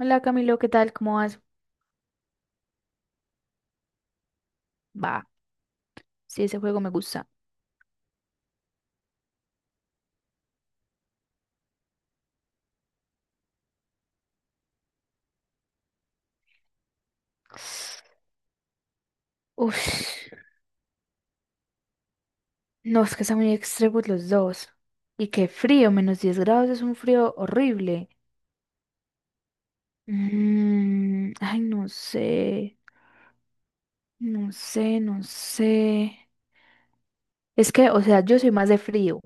Hola Camilo, ¿qué tal? ¿Cómo vas? Va, sí, ese juego me gusta. Uf, no, es que están muy extremos los dos. Y qué frío, -10 grados es un frío horrible. Ay, no sé, no sé, no sé. Es que, o sea, yo soy más de frío,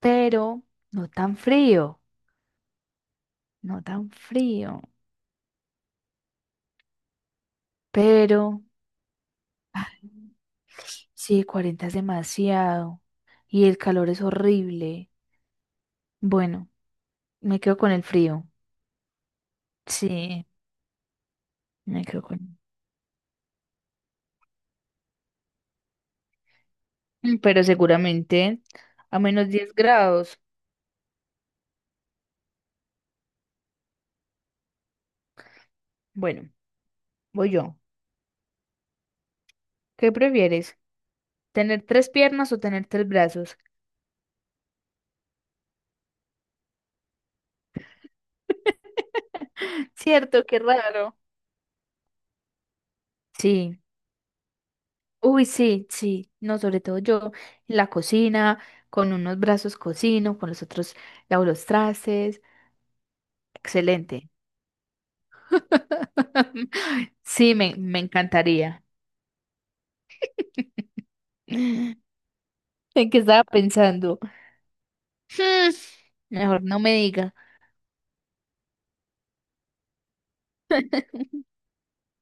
pero no tan frío, no tan frío. Pero, ah, sí, 40 es demasiado. Y el calor es horrible. Bueno, me quedo con el frío. Sí, me quedo con... Pero seguramente a -10 grados. Bueno, voy yo. ¿Qué prefieres? ¿Tener tres piernas o tener tres brazos? Cierto, qué raro. Sí. Uy, sí, sí. No, sobre todo yo en la cocina, con unos brazos cocino, con los otros lavo los trastes. Excelente. Sí, me encantaría. ¿En qué estaba pensando? Hmm, Mejor no me diga.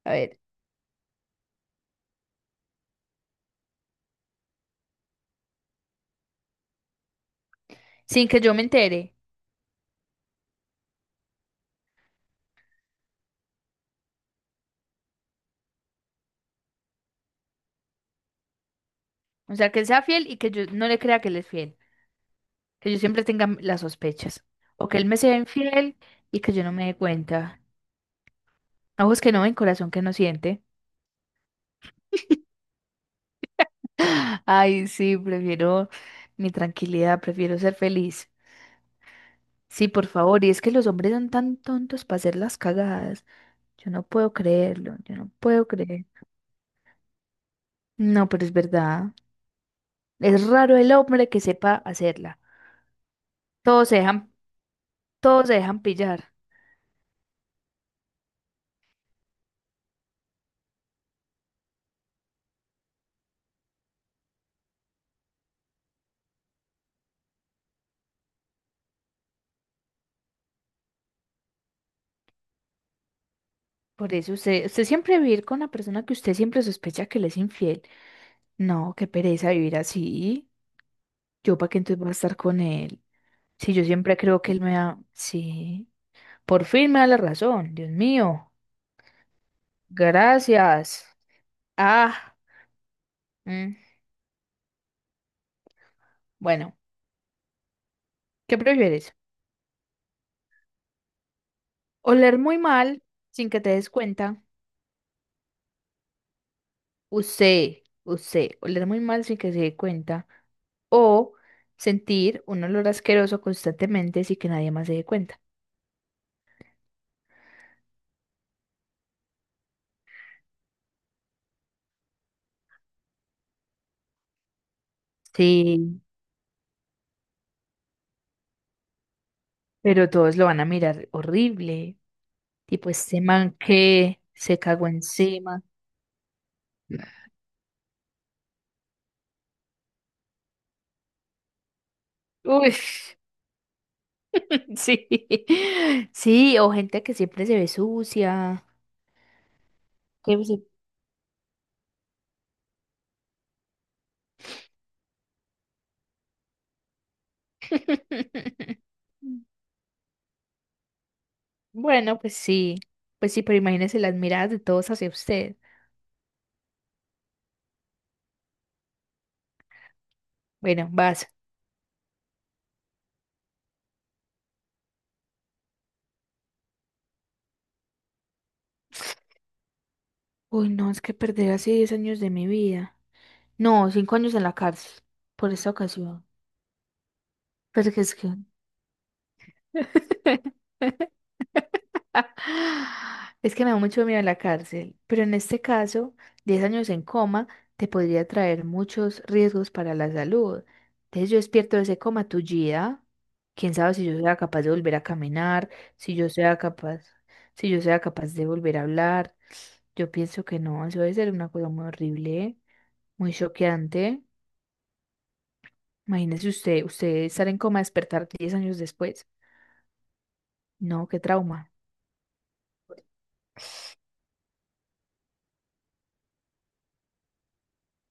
A ver. Sin que yo me entere. O sea, que él sea fiel y que yo no le crea que él es fiel. Que yo siempre tenga las sospechas. O que él me sea infiel y que yo no me dé cuenta. Ojos que no ven, corazón que no siente. Ay, sí, prefiero mi tranquilidad, prefiero ser feliz. Sí, por favor, y es que los hombres son tan tontos para hacer las cagadas. Yo no puedo creerlo, yo no puedo creer. No, pero es verdad. Es raro el hombre que sepa hacerla. Todos se dejan, todos se dejan pillar. Por eso usted siempre vivir con la persona que usted siempre sospecha que le es infiel. No, qué pereza vivir así. Yo para qué entonces voy a estar con él. Si yo siempre creo que él me da. Sí. Por fin me da la razón. Dios mío. Gracias. Ah. Mm. Bueno, ¿qué prefieres? Oler muy mal sin que te des cuenta. Usted, oler muy mal sin que se dé cuenta. O sentir un olor asqueroso constantemente sin que nadie más se dé cuenta. Sí. Pero todos lo van a mirar horrible. Tipo, este man que se cagó encima. Uy, sí. Sí, o gente que siempre se ve sucia. que se- Bueno, pues sí. Pues sí, pero imagínese las miradas de todos hacia usted. Bueno, vas. Uy, no, es que perder así 10 años de mi vida. No, 5 años en la cárcel por esta ocasión. Pero que es que... Es que me da mucho miedo la cárcel, pero en este caso, 10 años en coma te podría traer muchos riesgos para la salud. Entonces yo despierto de ese coma tullida, quién sabe si yo sea capaz de volver a caminar, si yo sea capaz, si yo sea capaz de volver a hablar. Yo pienso que no, eso debe ser una cosa muy horrible, muy choqueante. Imagínese usted estar en coma, despertar 10 años después. No, qué trauma.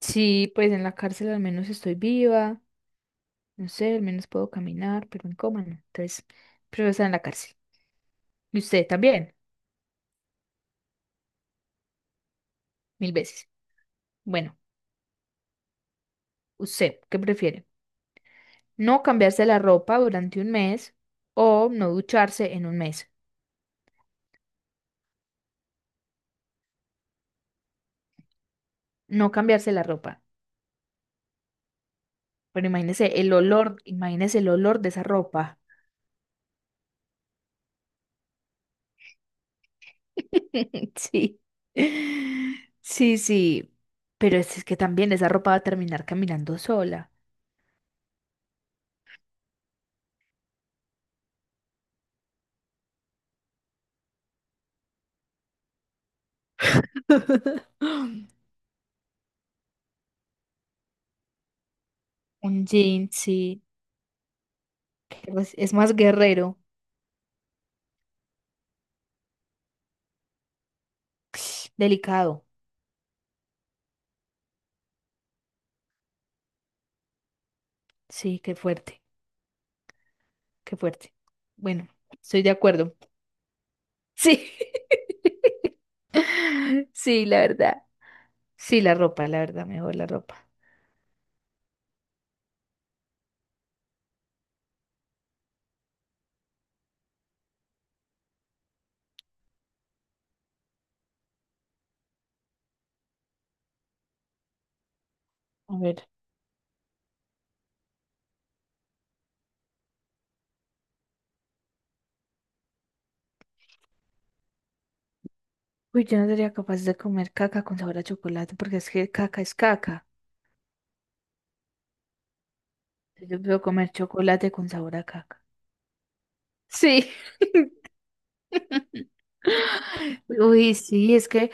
Sí, pues en la cárcel al menos estoy viva. No sé, al menos puedo caminar, pero en coma no. Entonces, prefiero estar en la cárcel. Y usted también, mil veces. Bueno, ¿usted qué prefiere? ¿No cambiarse la ropa durante un mes o no ducharse en un mes? No cambiarse la ropa. Pero imagínese el olor de esa ropa. Sí. Sí, sí. Pero es que también esa ropa va a terminar caminando sola. Un jean, sí. Pero es más guerrero. Delicado. Sí, qué fuerte, qué fuerte. Bueno, estoy de acuerdo. Sí, sí, la verdad. Sí, la ropa, la verdad, mejor la ropa. A ver. Uy, yo no sería capaz de comer caca con sabor a chocolate porque es que caca es caca. Yo puedo comer chocolate con sabor a caca. Sí. Uy, sí,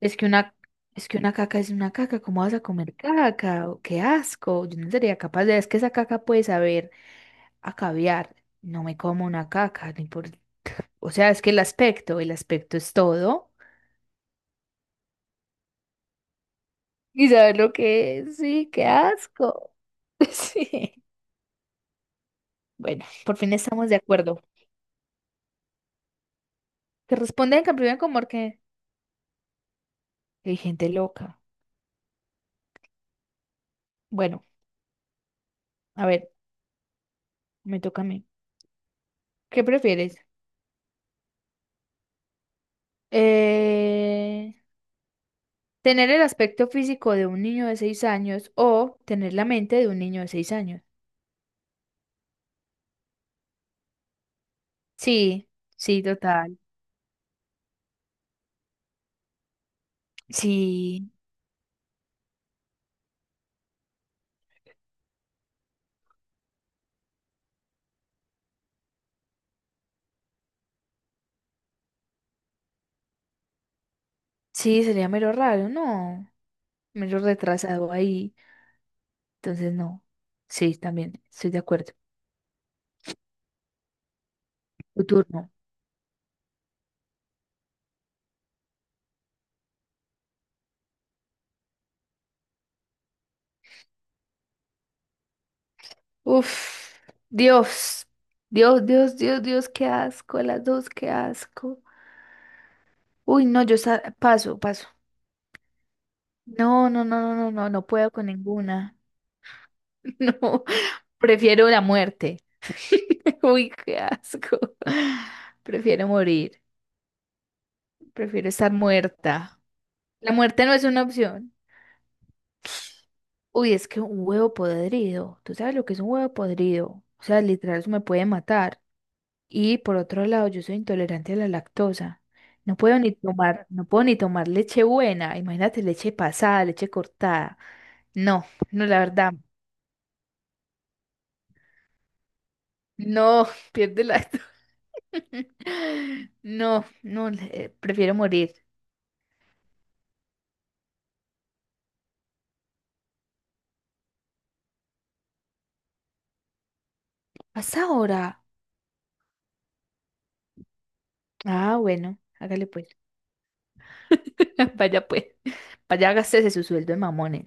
es que una es que una caca es una caca, ¿cómo vas a comer caca? Oh, qué asco. Yo no sería capaz de, es que esa caca puede saber a caviar, no me como una caca, ni por... O sea, es que el aspecto es todo. ¿Y sabes lo que es? Sí, qué asco. Sí. Bueno, por fin estamos de acuerdo. Que responden que primero como que hay gente loca. Bueno, a ver, me toca a mí. ¿Qué prefieres? Eh, ¿Tener el aspecto físico de un niño de 6 años o tener la mente de un niño de seis años? Sí, sí, total. Sí, sí, sería mero raro, ¿no? Medio retrasado ahí. Entonces, no. Sí, también, estoy de acuerdo. Tu turno. Uf, Dios. Dios, Dios, Dios, Dios, qué asco. Las dos, qué asco. Uy, no, paso, paso. No, no, no, no, no, no, no puedo con ninguna. No, prefiero la muerte. Uy, qué asco. Prefiero morir. Prefiero estar muerta. La muerte no es una opción. Uy, es que un huevo podrido, ¿tú sabes lo que es un huevo podrido? O sea, literal, eso me puede matar. Y por otro lado, yo soy intolerante a la lactosa. No puedo ni tomar leche buena. Imagínate leche pasada, leche cortada. No, no, la verdad, no, pierde la... No, no, prefiero morir. ¿Hasta ahora? Ah, bueno, hágale pues. Vaya pues, vaya, gástese su sueldo de mamones.